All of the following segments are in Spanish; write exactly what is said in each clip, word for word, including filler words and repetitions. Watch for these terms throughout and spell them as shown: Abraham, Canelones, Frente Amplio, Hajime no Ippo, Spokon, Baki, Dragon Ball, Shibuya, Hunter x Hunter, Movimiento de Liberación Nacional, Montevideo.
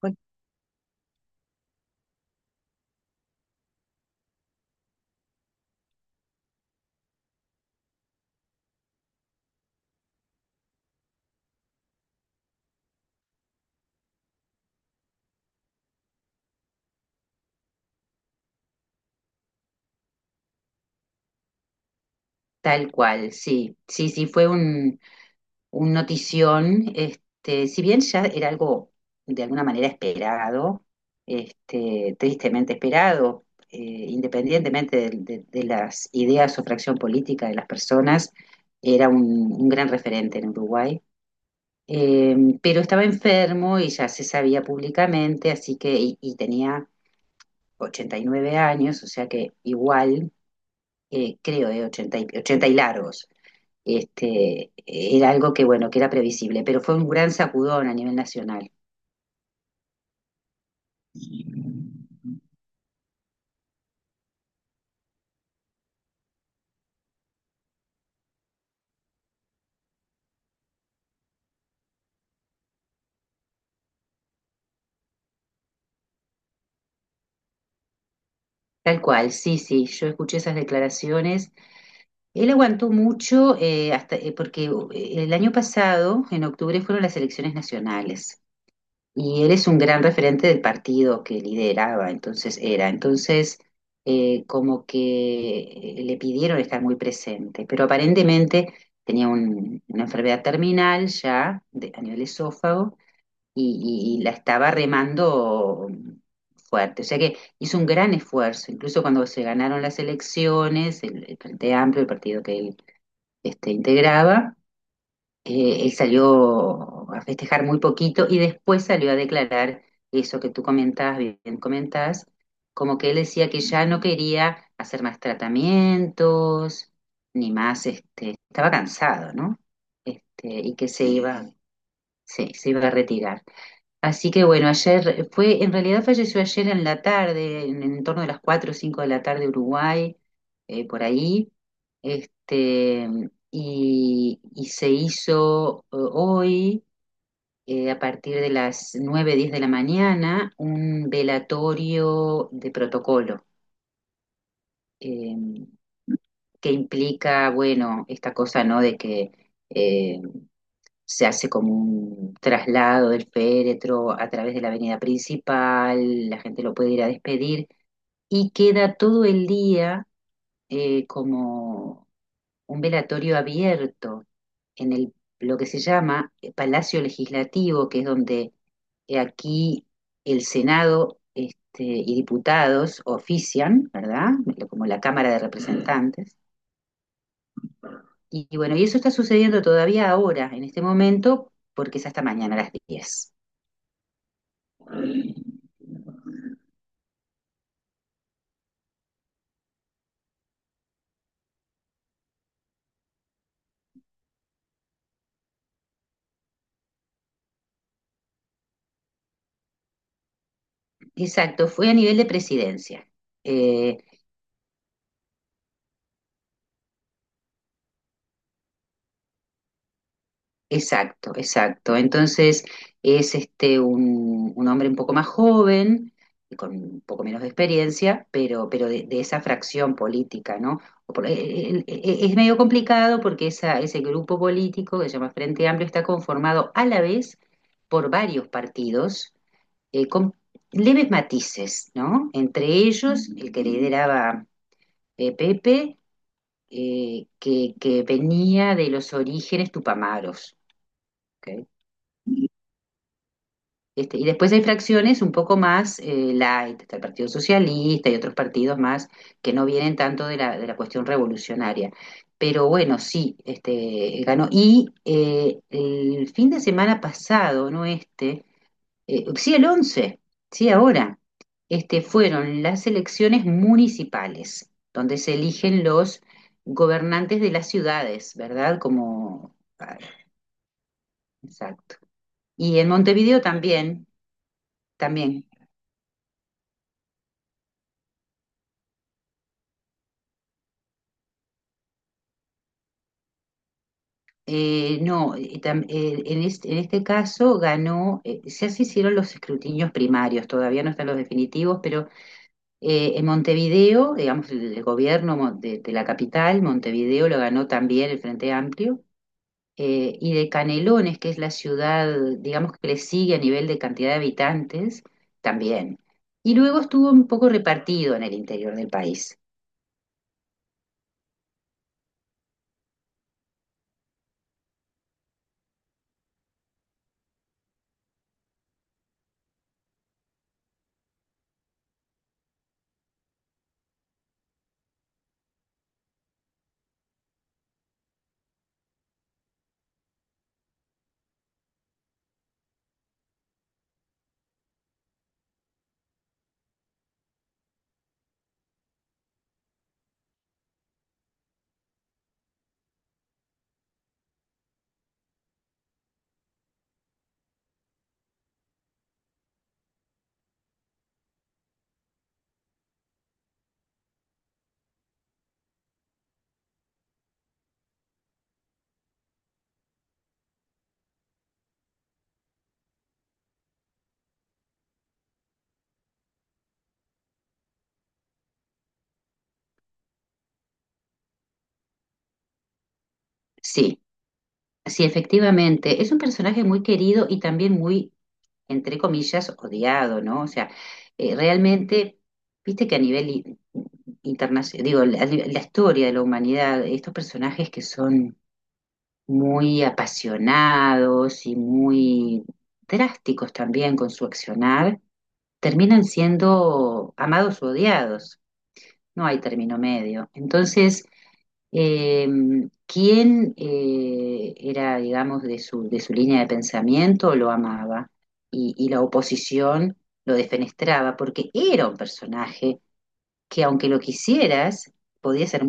Fue Tal cual, sí, sí, sí, fue un, un notición, este, si bien ya era algo de alguna manera esperado, este, tristemente esperado, eh, independientemente de, de- de las ideas o fracción política de las personas, era un, un gran referente en Uruguay. Eh, pero estaba enfermo y ya se sabía públicamente, así que, y, y tenía ochenta y nueve años, o sea que igual, eh, creo, eh, ochenta y, ochenta y largos. Este, era algo que, bueno, que era previsible, pero fue un gran sacudón a nivel nacional. Tal cual, sí, sí, yo escuché esas declaraciones. Él aguantó mucho eh, hasta, eh, porque eh, el año pasado, en octubre, fueron las elecciones nacionales y él es un gran referente del partido que lideraba, entonces era. Entonces, eh, como que eh, le pidieron estar muy presente, pero aparentemente tenía un- una enfermedad terminal ya de- a nivel esófago y, y la estaba remando fuerte. O sea que hizo un gran esfuerzo, incluso cuando se ganaron las elecciones, el, el Frente Amplio, el partido que él este, integraba, eh, él salió a festejar muy poquito y después salió a declarar eso que tú comentás, bien comentás, como que él decía que ya no quería hacer más tratamientos, ni más, este, estaba cansado, ¿no? Este, y que se iba, sí, se iba a retirar. Así que bueno, ayer fue, en realidad falleció ayer en la tarde, en, en torno de las cuatro o cinco de la tarde Uruguay, eh, por ahí, este, y, y se hizo eh, hoy, eh, a partir de las nueve diez de la mañana, un velatorio de protocolo, eh, que implica, bueno, esta cosa, ¿no? De que... eh, Se hace como un traslado del féretro a través de la avenida principal, la gente lo puede ir a despedir y queda todo el día eh, como un velatorio abierto en el, lo que se llama eh, Palacio Legislativo, que es donde eh, aquí el Senado este, y diputados ofician, ¿verdad? Como la Cámara de Representantes. Y, y bueno, y eso está sucediendo todavía ahora, en este momento, porque es hasta mañana a las diez. Exacto, fue a nivel de presidencia. Eh, exacto, exacto. Entonces es este un, un hombre un poco más joven, con un poco menos de experiencia, pero, pero de, de esa fracción política, ¿no? O por- eh, eh, eh, eh, es medio complicado porque esa, ese grupo político que se llama Frente Amplio está conformado a la vez por varios partidos, eh, con leves matices, ¿no? Entre ellos, el que lideraba eh, Pepe, eh, que, que venía de los orígenes tupamaros. ¿Ok? Este, y después hay fracciones un poco más eh, light, está el Partido Socialista y otros partidos más que no vienen tanto de la, de la cuestión revolucionaria. Pero bueno, sí, este, ganó. Y eh, el fin de semana pasado, no este, eh, sí, el once. Sí, ahora, este, fueron las elecciones municipales, donde se eligen los gobernantes de las ciudades, ¿verdad? Como, ah, exacto. Y en Montevideo también, también. Eh, no, eh, tam- eh, en este, en este caso ganó, eh, ya se hicieron los escrutinios primarios, todavía no están los definitivos, pero eh, en Montevideo, digamos, el, el gobierno mon- de, de la capital, Montevideo lo ganó también el Frente Amplio, eh, y de Canelones, que es la ciudad, digamos, que le sigue a nivel de cantidad de habitantes, también. Y luego estuvo un poco repartido en el interior del país. Sí, sí, efectivamente. Es un personaje muy querido y también muy, entre comillas, odiado, ¿no? O sea, eh, realmente, viste que a nivel internacional, digo, la, la historia de la humanidad, estos personajes que son muy apasionados y muy drásticos también con su accionar, terminan siendo amados o odiados, no hay término medio. Entonces, eh, ¿quién eh, era, digamos, de su, de su línea de pensamiento lo amaba? Y, y la oposición lo defenestraba porque era un personaje que aunque lo quisieras, podía ser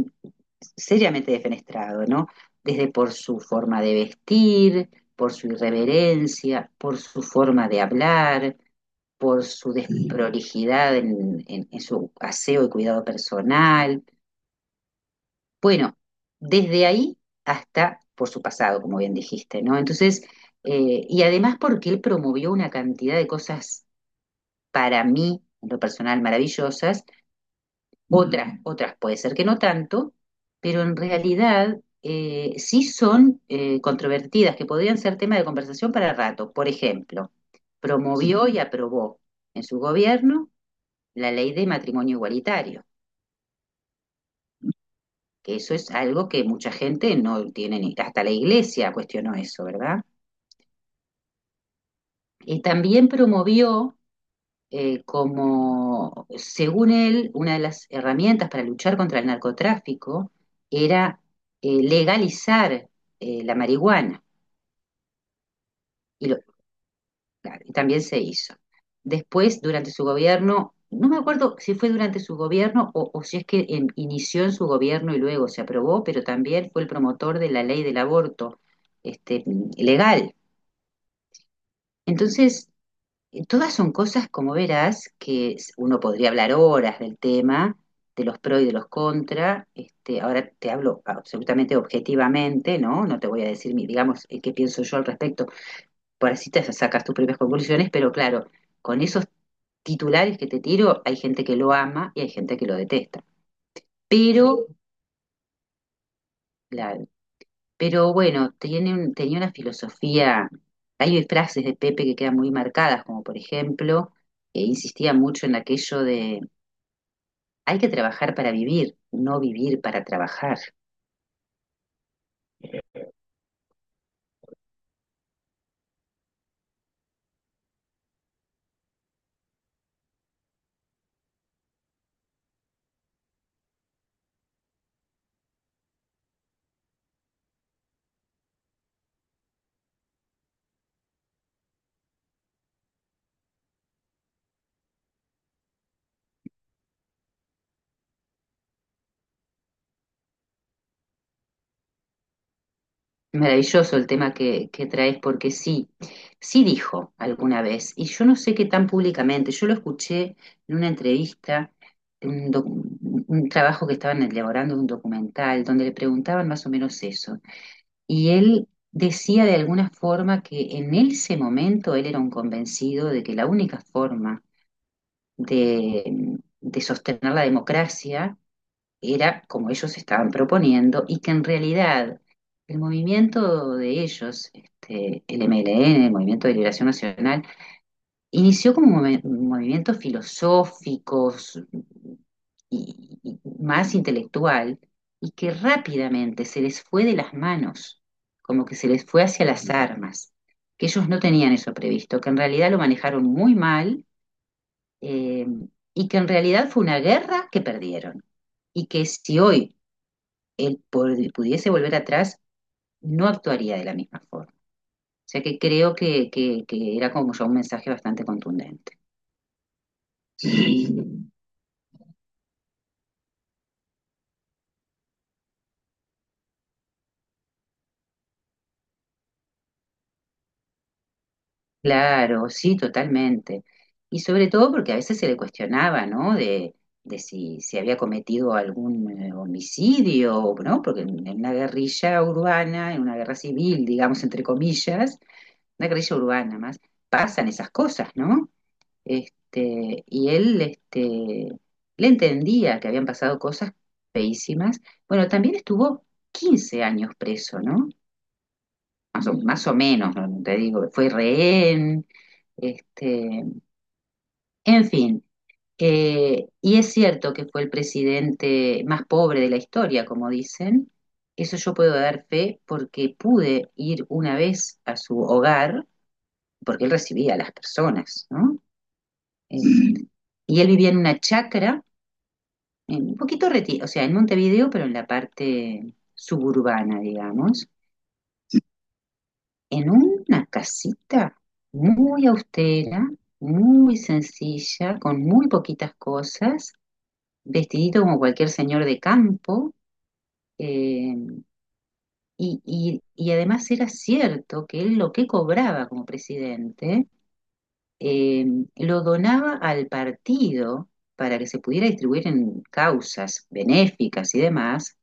seriamente defenestrado, ¿no? Desde por su forma de vestir, por su irreverencia, por su forma de hablar, por su desprolijidad en, en- en su aseo y cuidado personal. Bueno, desde ahí hasta por su pasado, como bien dijiste, ¿no? Entonces, eh, y además porque él promovió una cantidad de cosas para mí, en lo personal, maravillosas, otras, otras puede ser que no tanto, pero en realidad eh, sí son eh, controvertidas, que podrían ser tema de conversación para rato. Por ejemplo, promovió y aprobó en su gobierno la ley de matrimonio igualitario, que eso es algo que mucha gente no tiene ni, hasta la iglesia cuestionó eso, ¿verdad? Y también promovió eh, como, según él, una de las herramientas para luchar contra el narcotráfico era eh, legalizar eh, la marihuana. Y lo- Claro, y también se hizo. Después, durante su gobierno, no me acuerdo si fue durante su gobierno o, o si es que em, inició en su gobierno y luego se aprobó, pero también fue el promotor de la ley del aborto, este, legal. Entonces, eh, todas son cosas, como verás, que s- uno podría hablar horas del tema, de los pro y de los contra. Este, ahora te hablo absolutamente objetivamente, ¿no? No te voy a decir, mi- digamos, eh, qué pienso yo al respecto por así te sacas tus propias conclusiones, pero claro, con esos titulares que te tiro, hay gente que lo ama y hay gente que lo detesta. Pero, claro, pero bueno, tiene un- tenía una filosofía, hay frases de Pepe que quedan muy marcadas, como por ejemplo, que insistía mucho en aquello de hay que trabajar para vivir, no vivir para trabajar. Maravilloso el tema que, que traes, porque sí, sí dijo alguna vez, y yo no sé qué tan públicamente, yo lo escuché en una entrevista, en un, docu- un trabajo que estaban elaborando de un documental, donde le preguntaban más o menos eso, y él decía de alguna forma que en ese momento él era un convencido de que la única forma de, de sostener la democracia era como ellos estaban proponiendo y que en realidad el movimiento de ellos, este, el M L N, el Movimiento de Liberación Nacional, inició como un movi- un movimiento filosófico s- y, y más intelectual y que rápidamente se les fue de las manos, como que se les fue hacia las armas, que ellos no tenían eso previsto, que en realidad lo manejaron muy mal eh, y que en realidad fue una guerra que perdieron. Y que si hoy él pod- pudiese volver atrás, no actuaría de la misma forma. O sea que creo que, que- que era como ya un mensaje bastante contundente. Sí. Claro, sí, totalmente. Y sobre todo porque a veces se le cuestionaba, ¿no? De, de si, si había cometido algún eh, homicidio, ¿no? Porque en en una guerrilla urbana, en una guerra civil, digamos, entre comillas, una guerrilla urbana más, pasan esas cosas, ¿no? Este, y él este, le entendía que habían pasado cosas feísimas. Bueno, también estuvo quince años preso, ¿no? Más o, más o menos, ¿no? No te digo, fue rehén, este, en fin. Eh, y es cierto que fue el presidente más pobre de la historia, como dicen. Eso yo puedo dar fe porque pude ir una vez a su hogar, porque él recibía a las personas, ¿no? Eh, y él vivía en una chacra en- un poquito retirado, o sea, en Montevideo, pero en la parte suburbana, digamos, en una casita muy austera, muy sencilla, con muy poquitas cosas, vestidito como cualquier señor de campo, eh, y, y- y además era cierto que él lo que cobraba como presidente, eh, lo donaba al partido para que se pudiera distribuir en causas benéficas y demás,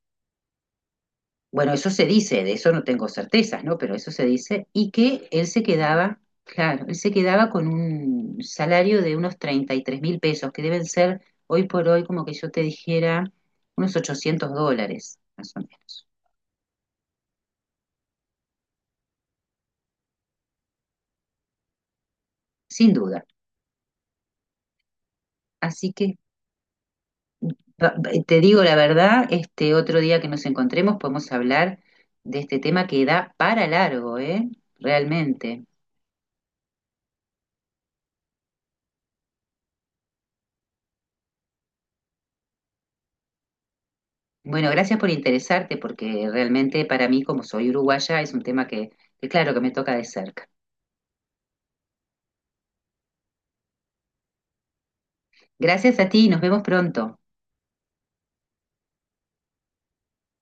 bueno, eso se dice, de eso no tengo certezas, ¿no? Pero eso se dice, y que él se quedaba, claro, él se quedaba con un salario de unos treinta y tres mil pesos, que deben ser hoy por hoy, como que yo te dijera, unos ochocientos dólares, más o menos, sin duda. Así que va- va- te digo la verdad, este otro día que nos encontremos podemos hablar de este tema que da para largo, ¿eh? Realmente. Bueno, gracias por interesarte porque realmente para mí, como soy uruguaya, es un tema que, que claro que me toca de cerca. Gracias a ti, nos vemos pronto.